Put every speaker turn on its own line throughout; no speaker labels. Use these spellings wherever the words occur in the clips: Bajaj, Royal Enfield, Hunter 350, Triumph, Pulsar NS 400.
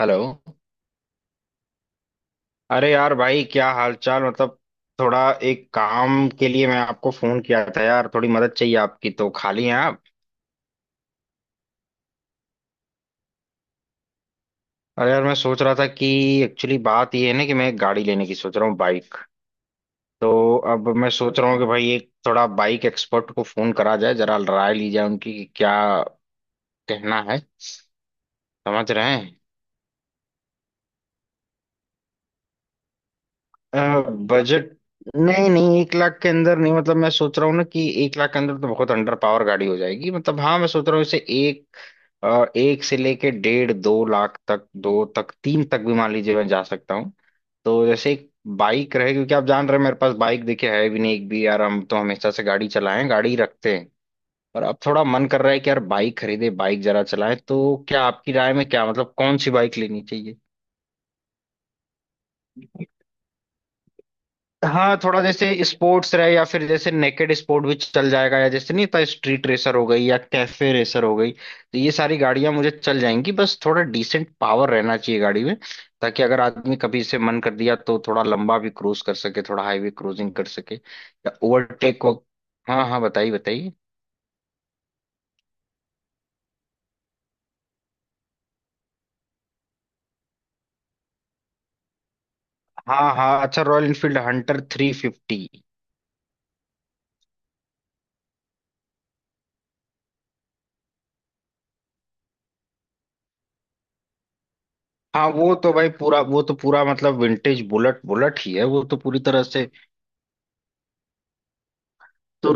Hello. अरे यार भाई, क्या हालचाल मतलब थोड़ा, एक काम के लिए मैं आपको फोन किया था यार, थोड़ी मदद चाहिए आपकी। तो खाली हैं आप? अरे यार मैं सोच रहा था कि एक्चुअली बात ये है ना कि मैं एक गाड़ी लेने की सोच रहा हूँ, बाइक। तो अब मैं सोच रहा हूँ कि भाई एक थोड़ा बाइक एक्सपर्ट को फोन करा जाए, जरा राय ली जाए उनकी कि क्या कहना है। समझ रहे हैं? बजट? नहीं नहीं, 1 लाख के अंदर नहीं। मतलब मैं सोच रहा हूँ ना कि 1 लाख के अंदर तो बहुत अंडर पावर गाड़ी हो जाएगी। मतलब हाँ, मैं सोच रहा हूँ इसे एक एक से लेके 1.5 से 2 लाख तक, दो तक, तीन तक भी मान लीजिए मैं जा सकता हूँ। तो जैसे एक बाइक रहे, क्योंकि आप जान रहे हैं मेरे पास बाइक देखिए है भी नहीं, एक भी यार। हम तो हमेशा से गाड़ी चलाएं, गाड़ी रखते हैं, और अब थोड़ा मन कर रहा है कि यार बाइक खरीदे, बाइक जरा चलाएं। तो क्या आपकी राय में, क्या मतलब कौन सी बाइक लेनी चाहिए? हाँ थोड़ा जैसे स्पोर्ट्स रहे, या फिर जैसे नेकेड स्पोर्ट भी चल जाएगा, या जैसे नहीं था स्ट्रीट रेसर हो गई या कैफे रेसर हो गई, तो ये सारी गाड़ियां मुझे चल जाएंगी। बस थोड़ा डिसेंट पावर रहना चाहिए गाड़ी में, ताकि अगर आदमी कभी से मन कर दिया तो थोड़ा लंबा भी क्रूज कर सके, थोड़ा हाईवे क्रूजिंग कर सके या ओवरटेक हो। हाँ हाँ, बताइए बताइए। हाँ हाँ, अच्छा, रॉयल इनफील्ड हंटर 350। हाँ वो तो भाई पूरा, वो तो पूरा मतलब विंटेज बुलेट बुलेट ही है वो, तो पूरी तरह से। तो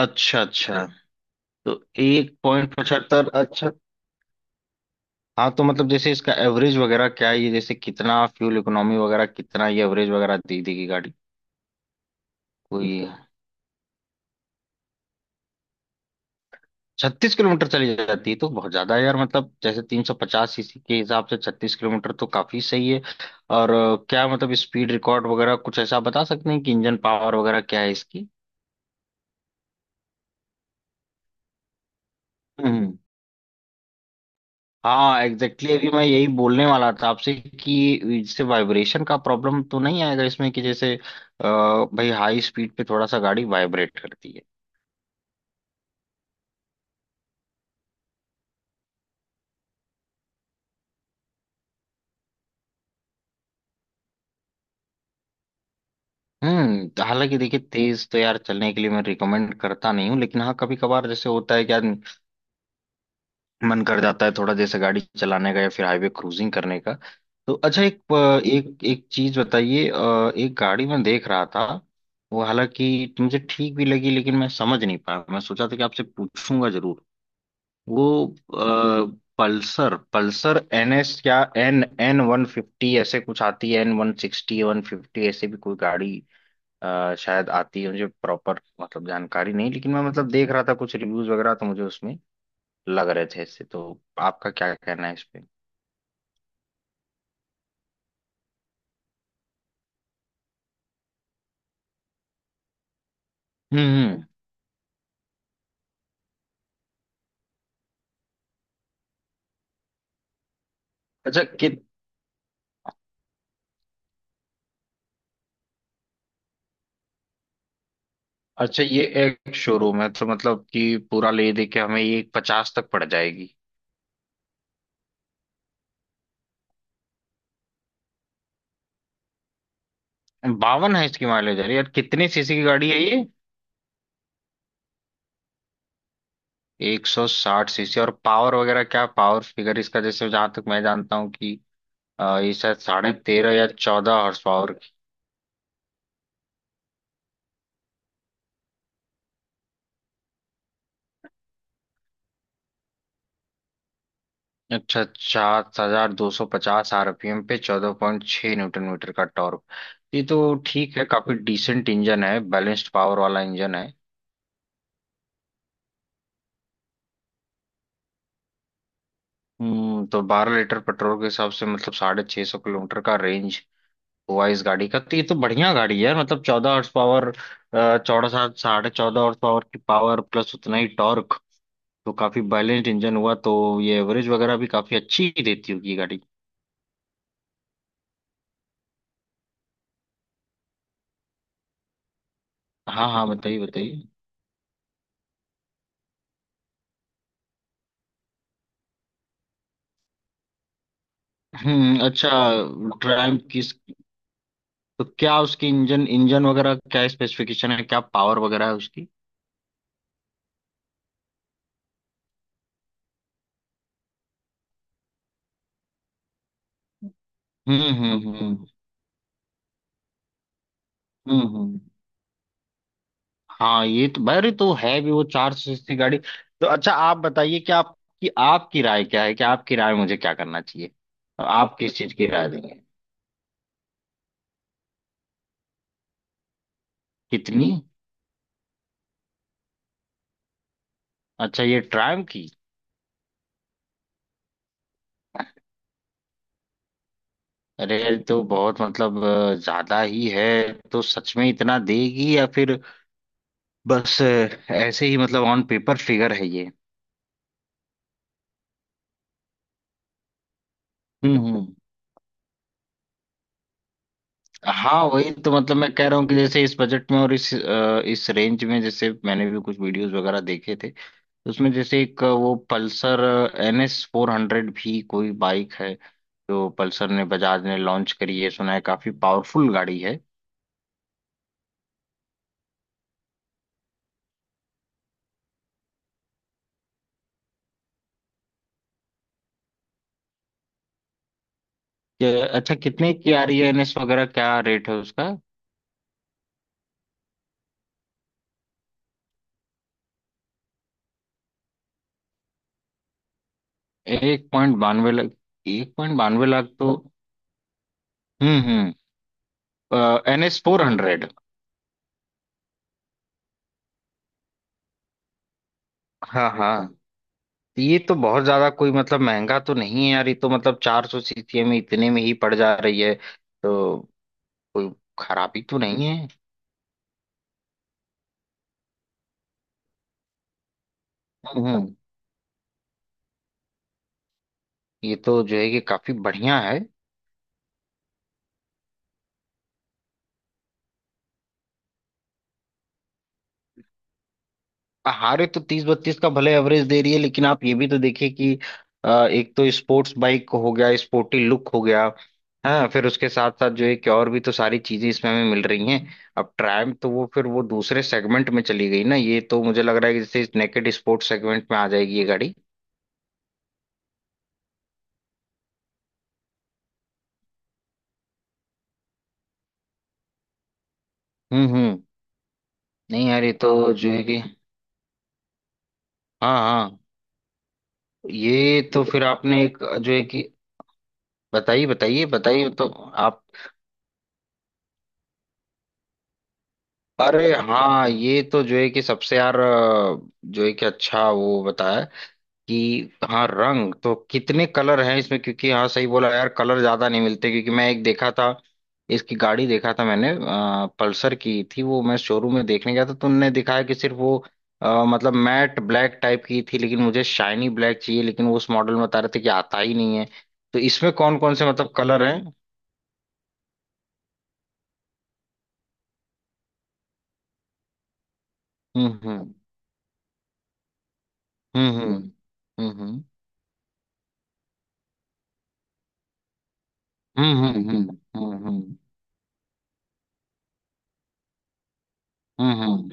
अच्छा अच्छा। तो 1.75, अच्छा। हाँ तो मतलब जैसे इसका एवरेज वगैरह क्या है, ये जैसे कितना फ्यूल इकोनॉमी वगैरह कितना, ये एवरेज वगैरह दी थी की गाड़ी? कोई 36 किलोमीटर चली जाती है तो बहुत ज्यादा है यार। मतलब जैसे 350 सीसी के हिसाब से 36 किलोमीटर तो काफी सही है। और क्या मतलब स्पीड रिकॉर्ड वगैरह कुछ ऐसा बता सकते हैं कि इंजन पावर वगैरह क्या है इसकी? हाँ एग्जैक्टली अभी मैं यही बोलने वाला था आपसे कि इससे वाइब्रेशन का प्रॉब्लम तो नहीं आएगा इसमें, कि जैसे भाई हाई स्पीड पे थोड़ा सा गाड़ी वाइब्रेट करती है। हम्म। तो हालांकि देखिए, तेज तो यार चलने के लिए मैं रिकमेंड करता नहीं हूँ, लेकिन हाँ कभी कभार जैसे होता है कि यार मन कर जाता है थोड़ा जैसे गाड़ी चलाने का या फिर हाईवे क्रूजिंग करने का। तो अच्छा, एक एक एक चीज बताइए, एक गाड़ी मैं देख रहा था। वो हालांकि मुझे ठीक भी लगी, लेकिन मैं समझ नहीं पाया। मैं सोचा था कि आपसे पूछूंगा जरूर। वो पल्सर पल्सर NS या NN 150 ऐसे कुछ आती है, N 160 150 ऐसे भी कोई गाड़ी शायद आती है। मुझे प्रॉपर मतलब जानकारी नहीं, लेकिन मैं मतलब देख रहा था कुछ रिव्यूज वगैरह तो मुझे उसमें लग रहे थे ऐसे, तो आपका क्या कहना है इस पे? हम्म हम्म। अच्छा कि अच्छा, ये एक शोरूम है तो मतलब कि पूरा ले दे के हमें ये 50 तक पड़ जाएगी? 52 है इसकी माइलेज? अरे यार, कितने सीसी की गाड़ी है ये? 160 सीसी। और पावर वगैरह क्या, पावर फिगर इसका जैसे, जहां तक मैं जानता हूँ कि ये शायद 13.5 या 14 हॉर्स पावर की। अच्छा, 7,250 RPM पे 14.6 न्यूटन मीटर का टॉर्क। ये तो ठीक है, काफी डिसेंट इंजन है, बैलेंस्ड पावर वाला इंजन है। हम्म। तो 12 लीटर पेट्रोल के हिसाब से मतलब 650 किलोमीटर का रेंज हुआ इस गाड़ी का। तो ये तो बढ़िया गाड़ी है। मतलब 14 हॉर्स पावर, चौदह, सात, 14.5 हॉर्स पावर की पावर प्लस उतना ही टॉर्क तो काफी बैलेंस्ड इंजन हुआ। तो ये एवरेज वगैरह भी काफी अच्छी ही देती होगी ये गाड़ी। हाँ हाँ बताइए बताइए। हम्म। अच्छा ट्रायम्फ किस? तो क्या उसकी, इंजन इंजन वगैरह क्या स्पेसिफिकेशन है, क्या पावर वगैरह है उसकी? हम्म हम्म हम्म हम्म। हम्म। हाँ, ये तो भाई तो है भी वो 400 सीसी गाड़ी। तो अच्छा आप बताइए कि आपकी, आपकी राय क्या है कि आपकी राय मुझे क्या करना चाहिए, और आप किस चीज की राय देंगे? कितनी? अच्छा, ये ट्रायम्फ की। अरे ये तो बहुत मतलब ज्यादा ही है। तो सच में इतना देगी या फिर बस ऐसे ही मतलब ऑन पेपर फिगर है ये? हम्म। हाँ वही तो मतलब मैं कह रहा हूँ कि जैसे इस बजट में और इस इस रेंज में जैसे मैंने भी कुछ वीडियोस वगैरह देखे थे, तो उसमें जैसे एक वो पल्सर एन एस 400 भी कोई बाइक है जो पल्सर ने, बजाज ने लॉन्च करी है, सुना है काफी पावरफुल गाड़ी है। अच्छा कितने की आ रही है एन एस वगैरह, क्या रेट है उसका? 1.92 लाख? 1.92 लाख तो। हम्म। N S four hundred. हाँ हाँ। ये तो बहुत ज्यादा कोई मतलब महंगा तो नहीं है यार, ये तो मतलब 400 सीसी में इतने में ही पड़ जा रही है, तो खराबी तो नहीं है। हम्म हम्म, ये तो जो है कि काफी बढ़िया है। हारे तो 30-32 का भले एवरेज दे रही है, लेकिन आप ये भी तो देखिए कि एक तो स्पोर्ट्स बाइक हो गया, स्पोर्टी लुक हो गया। हाँ, फिर उसके साथ साथ जो है कि और भी तो सारी चीजें इसमें हमें मिल रही हैं। अब ट्रायम्फ तो वो फिर वो दूसरे सेगमेंट में चली गई ना, ये तो मुझे लग रहा है कि जैसे नेकेड स्पोर्ट्स सेगमेंट में आ जाएगी ये गाड़ी। हम्म। नहीं यार, ये तो जो है कि हाँ हाँ। ये तो फिर आपने एक जो है कि बताइए बताइए बताइए। तो आप, अरे हाँ, ये तो जो है कि सबसे यार जो है कि अच्छा, वो बताया कि हाँ रंग तो, कितने कलर हैं इसमें? क्योंकि हाँ सही बोला यार, कलर ज्यादा नहीं मिलते। क्योंकि मैं एक देखा था, इसकी गाड़ी देखा था मैंने, पल्सर की थी वो। मैं शोरूम में देखने गया था तो उनने दिखाया कि सिर्फ वो मतलब मैट ब्लैक टाइप की थी, लेकिन मुझे शाइनी ब्लैक चाहिए। लेकिन वो उस मॉडल में बता रहे थे कि आता ही नहीं है। तो इसमें कौन कौन से मतलब कलर हैं? हम्म हम्म हम्म। हम्म हम्म हम्म हम्म हम्म हम्म, हम्म। हम्म हम्म।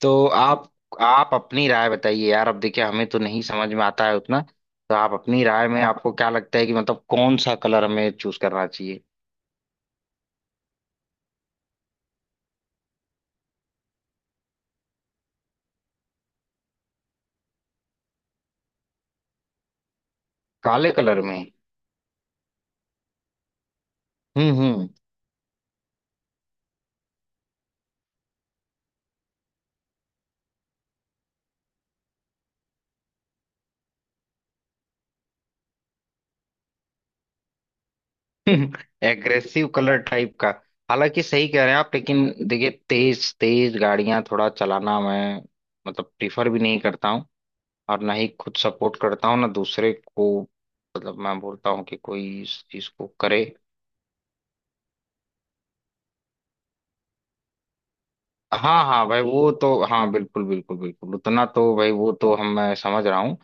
तो आप अपनी राय बताइए यार। अब देखिए हमें तो नहीं समझ में आता है उतना। तो आप अपनी राय में आपको क्या लगता है कि मतलब कौन सा कलर हमें चूज करना चाहिए? काले कलर में? हम्म। एग्रेसिव कलर टाइप का। हालांकि सही कह रहे हैं आप, लेकिन देखिए तेज तेज गाड़ियां थोड़ा चलाना मैं मतलब प्रीफर भी नहीं करता हूँ, और ना ही खुद सपोर्ट करता हूँ ना दूसरे को। मतलब मैं बोलता हूँ कि कोई इस चीज को करे। हाँ हाँ भाई, वो तो हाँ बिल्कुल बिल्कुल बिल्कुल उतना तो भाई, वो तो हम मैं समझ रहा हूँ।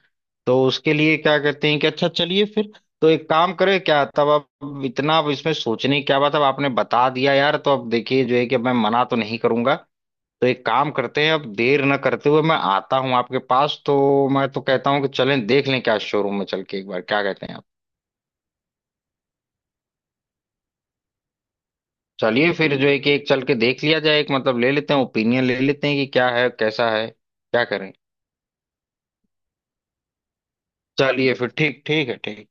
तो उसके लिए क्या कहते हैं कि अच्छा चलिए फिर। तो एक काम करें क्या तब? अब इतना, अब इसमें सोचने की क्या बात है, अब आपने बता दिया यार, तो अब देखिए जो है कि अब मैं मना तो नहीं करूंगा। तो एक काम करते हैं, अब देर न करते हुए मैं आता हूँ आपके पास। तो मैं तो कहता हूँ कि चलें देख लें क्या, शोरूम में चल के एक बार, क्या कहते हैं आप? चलिए फिर जो है कि एक चल के देख लिया जाए, एक मतलब ले लेते हैं, ओपिनियन ले लेते हैं कि क्या है कैसा है क्या करें। चलिए फिर ठीक, ठीक है, ठीक।